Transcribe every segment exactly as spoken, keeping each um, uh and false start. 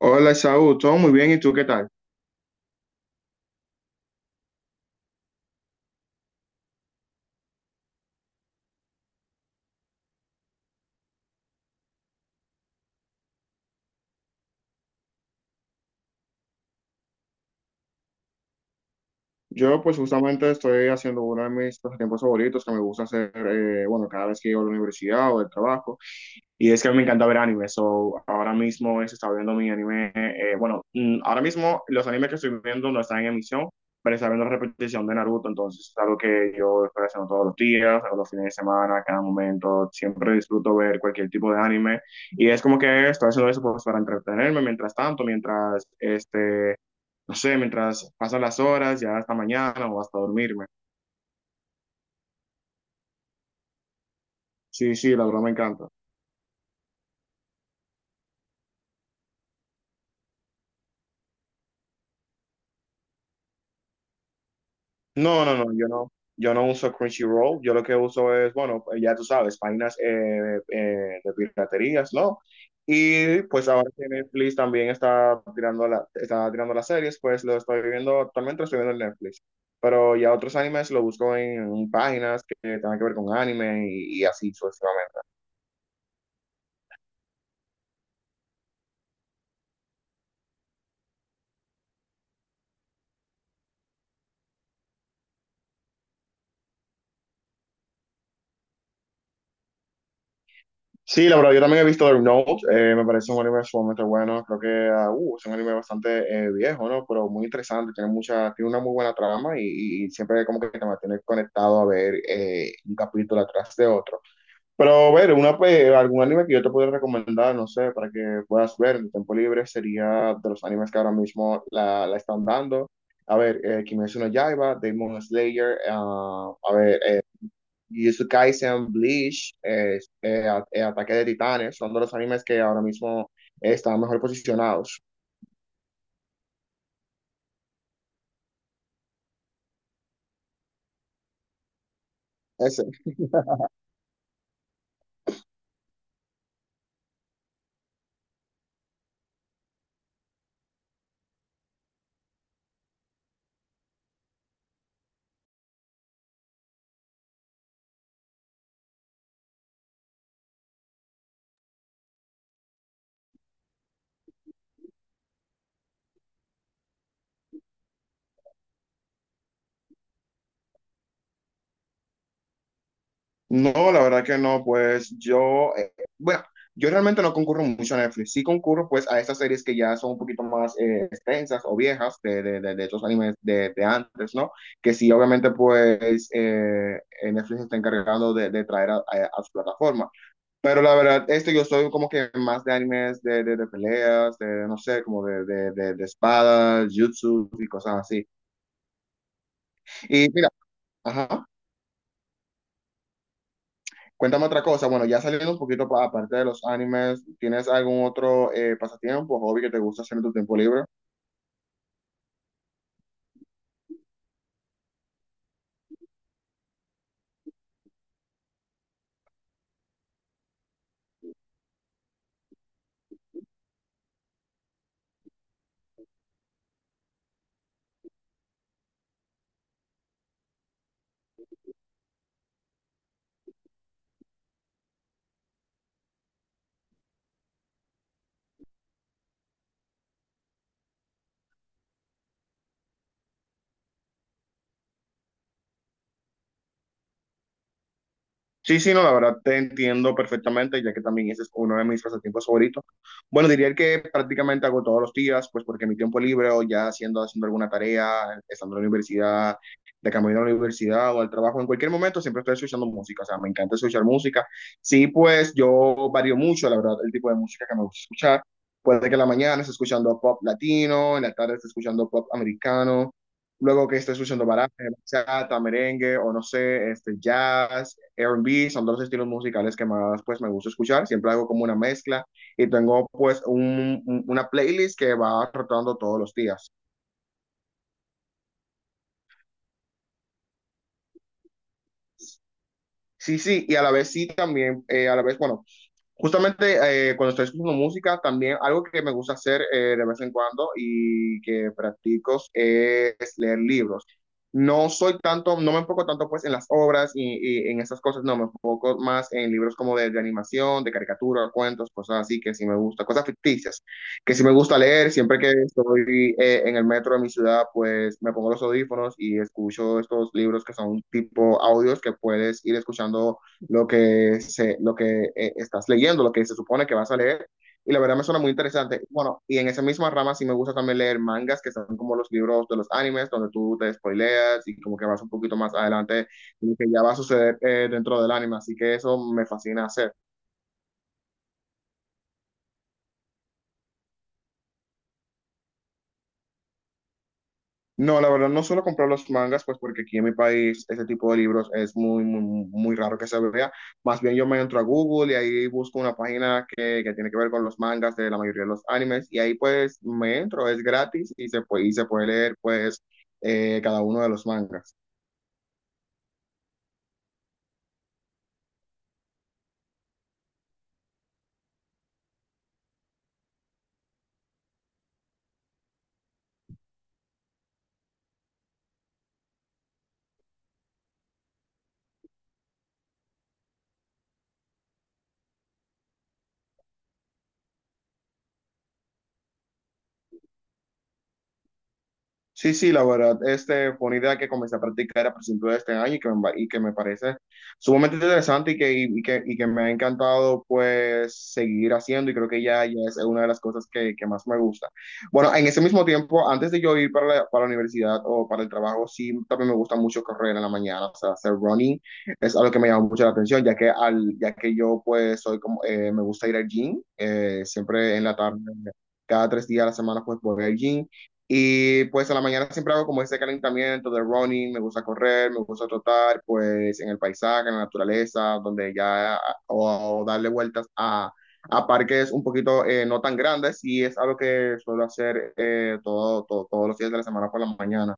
Hola, Saúl, todo muy bien, ¿y tú qué tal? Yo pues justamente estoy haciendo uno de mis tiempos favoritos que me gusta hacer, eh, bueno, cada vez que llego a la universidad o del trabajo, y es que me encanta ver anime, so ahora mismo se está viendo mi anime, eh, bueno, mm, ahora mismo los animes que estoy viendo no están en emisión, pero está viendo la repetición de Naruto, entonces es algo que yo estoy haciendo todos los días, todos los fines de semana, cada momento, siempre disfruto ver cualquier tipo de anime, y es como que estoy haciendo eso pues, para entretenerme mientras tanto, mientras este no sé, mientras pasan las horas, ya hasta mañana o hasta dormirme. Sí, sí, la verdad me encanta. No, no, no, yo no, yo no uso Crunchyroll, yo lo que uso es, bueno, eh, ya tú sabes, páginas eh, eh, de piraterías, ¿no? Y pues ahora que Netflix también está tirando, la, está tirando las series, pues lo estoy viendo, actualmente lo estoy viendo en Netflix. Pero ya otros animes lo busco en, en páginas que tengan que ver con anime y, y así sucesivamente. Sí, la verdad, yo también he visto The Note, eh, me parece un anime sumamente bueno, creo que ah, uh, es un anime bastante eh, viejo, ¿no? Pero muy interesante, tiene mucha, tiene una muy buena trama y, y siempre como que te mantiene conectado a ver eh, un capítulo atrás de otro. Pero a ver, una, pues, algún anime que yo te pudiera recomendar, no sé, para que puedas ver en tu tiempo libre, sería de los animes que ahora mismo la, la están dando. A ver, eh, Kimetsu no Yaiba, Demon Slayer, ah, a ver, eh, y Kaisen, Bleach, eh, eh, a- eh, Ataque de Titanes, son de los animes que ahora mismo están mejor posicionados. Ese. No, la verdad que no, pues yo, eh, bueno, yo realmente no concurro mucho a Netflix, sí concurro pues a estas series que ya son un poquito más eh, extensas o viejas de, de, de, de estos animes de, de antes, ¿no? Que sí, obviamente pues eh, eh, Netflix se está encargando de, de traer a, a- a su plataforma. Pero la verdad, este yo soy como que más de animes de, de, de peleas, de no sé, como de, de, de, de espadas, jutsu y cosas así. Y mira, ajá, cuéntame otra cosa. Bueno, ya saliendo un poquito pa- aparte de los animes, ¿tienes algún otro eh, pasatiempo, hobby que te gusta hacer en tu tiempo libre? Sí, sí, no, la verdad te entiendo perfectamente, ya que también ese es uno de mis pasatiempos favoritos. Bueno, diría que prácticamente hago todos los días, pues porque mi tiempo libre o ya haciendo, haciendo alguna tarea, estando en la universidad, de camino a la universidad o al trabajo, en cualquier momento siempre estoy escuchando música, o sea, me encanta escuchar música. Sí, pues yo varío mucho, la verdad, el tipo de música que me gusta escuchar. Puede que en la mañana esté escuchando pop latino, en la tarde esté escuchando pop americano, luego que esté escuchando baraja, bachata, merengue o no sé, este jazz, R and B, son dos estilos musicales que más pues me gusta escuchar. Siempre hago como una mezcla y tengo pues un- un- una playlist que va rotando todos los días. Sí, sí, y a la vez sí también, eh, a la vez, bueno, justamente eh, cuando estoy escuchando música, también algo que me gusta hacer eh, de vez en cuando y que practico es leer libros. No soy tanto, no me enfoco tanto pues en las obras y, y en esas cosas, no, me enfoco más en libros como de, de animación, de caricatura, cuentos, cosas así que sí me gusta, cosas ficticias, que sí me gusta leer, siempre que estoy eh, en el metro de mi ciudad, pues me pongo los audífonos y escucho estos libros que son tipo audios que puedes ir escuchando lo que, se, lo que eh, estás leyendo, lo que se supone que vas a leer. Y la verdad me suena muy interesante. Bueno, y en esa misma rama sí me gusta también leer mangas, que son como los libros de los animes, donde tú te spoileas y como que vas un poquito más adelante, y que ya va a suceder eh, dentro del anime. Así que eso me fascina hacer. No, la verdad, no suelo comprar los mangas, pues porque aquí en mi país ese tipo de libros es muy, muy, muy raro que se vea. Más bien yo me entro a Google y ahí busco una página que, que tiene que ver con los mangas de la mayoría de los animes y ahí pues me entro, es gratis y se puede, y se puede leer pues eh, cada uno de los mangas. Sí, sí, la verdad, este fue una idea que comencé a practicar a principios de este año y que me, y que me parece sumamente interesante y que, y y que, y que me ha encantado pues seguir haciendo y creo que ya, ya es una de las cosas que, que más me gusta. Bueno, en ese mismo tiempo, antes de yo ir para la, para la universidad o para el trabajo, sí, también me gusta mucho correr en la mañana, o sea, hacer running es algo que me llama mucho la atención, ya que, al, ya que yo pues soy como, eh, me gusta ir al gym, eh, siempre en la tarde cada tres días a la semana pues voy al gym y pues a la mañana siempre hago como ese calentamiento de running, me gusta correr, me gusta trotar, pues en el paisaje, en la naturaleza, donde ya, o, o darle vueltas a, a parques un poquito eh, no tan grandes, y es algo que suelo hacer eh, todo, todo- todos los días de la semana por la mañana.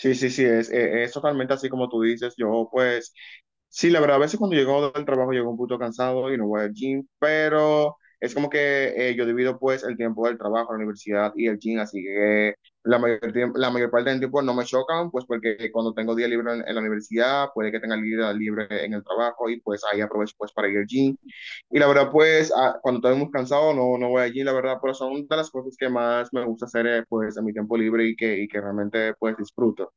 Sí, sí, sí, es, eh, es totalmente así como tú dices, yo pues sí, la verdad, a veces cuando llego del trabajo llego un poquito cansado y no voy al gym, pero es como que eh, yo divido pues el tiempo del trabajo, la universidad y el gym, así que la mayor, tiemp- la mayor parte del tiempo no me chocan, pues porque cuando tengo día libre en, en la universidad, puede que tenga el día libre en el trabajo y pues ahí aprovecho pues para ir al gym. Y la verdad pues ah, cuando estoy muy cansado no, no voy al gym, la verdad, pero son de las cosas que más me gusta hacer eh, pues en mi tiempo libre y que, y que realmente pues disfruto.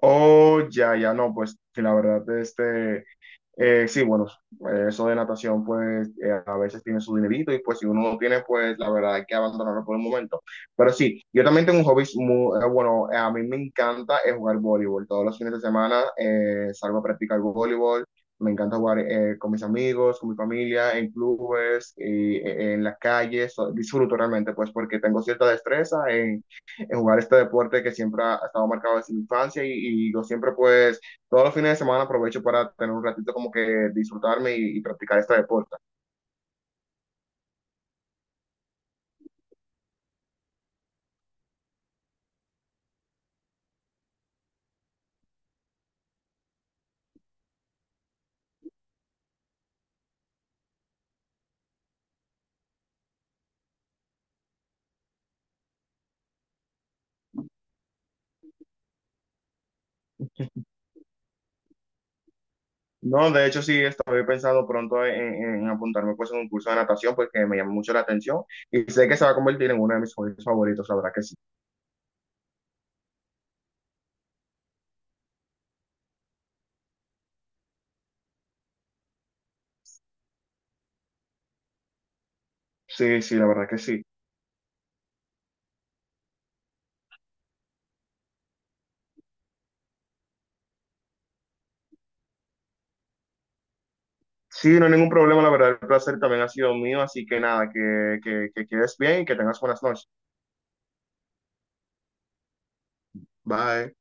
Oh, ya, ya, no, pues que la verdad, este, Eh, sí, bueno, eh, eso de natación, pues eh, a veces tiene su dinerito y pues si uno no tiene, pues la verdad hay que abandonarlo por el momento. Pero sí, yo también tengo un hobby muy eh, bueno, eh, a mí me encanta eh, jugar voleibol. Todos los fines de semana eh, salgo a practicar voleibol. Me encanta jugar eh, con mis amigos, con mi familia, en clubes, y, eh, en las calles. So- Disfruto realmente, pues porque tengo cierta destreza en, en jugar este deporte que siempre ha ha estado marcado desde mi infancia y, y yo siempre pues todos los fines de semana aprovecho para tener un ratito como que disfrutarme y, y practicar este deporte. No, de hecho sí, estoy pensando pronto en, en apuntarme pues en un curso de natación porque me llama mucho la atención y sé que se va a convertir en uno de mis hobbies favoritos, la verdad que sí. Sí, sí, la verdad que sí. Sí, no hay ningún problema, la verdad el placer también ha sido mío, así que nada, que, que, que quedes bien y que tengas buenas noches. Bye.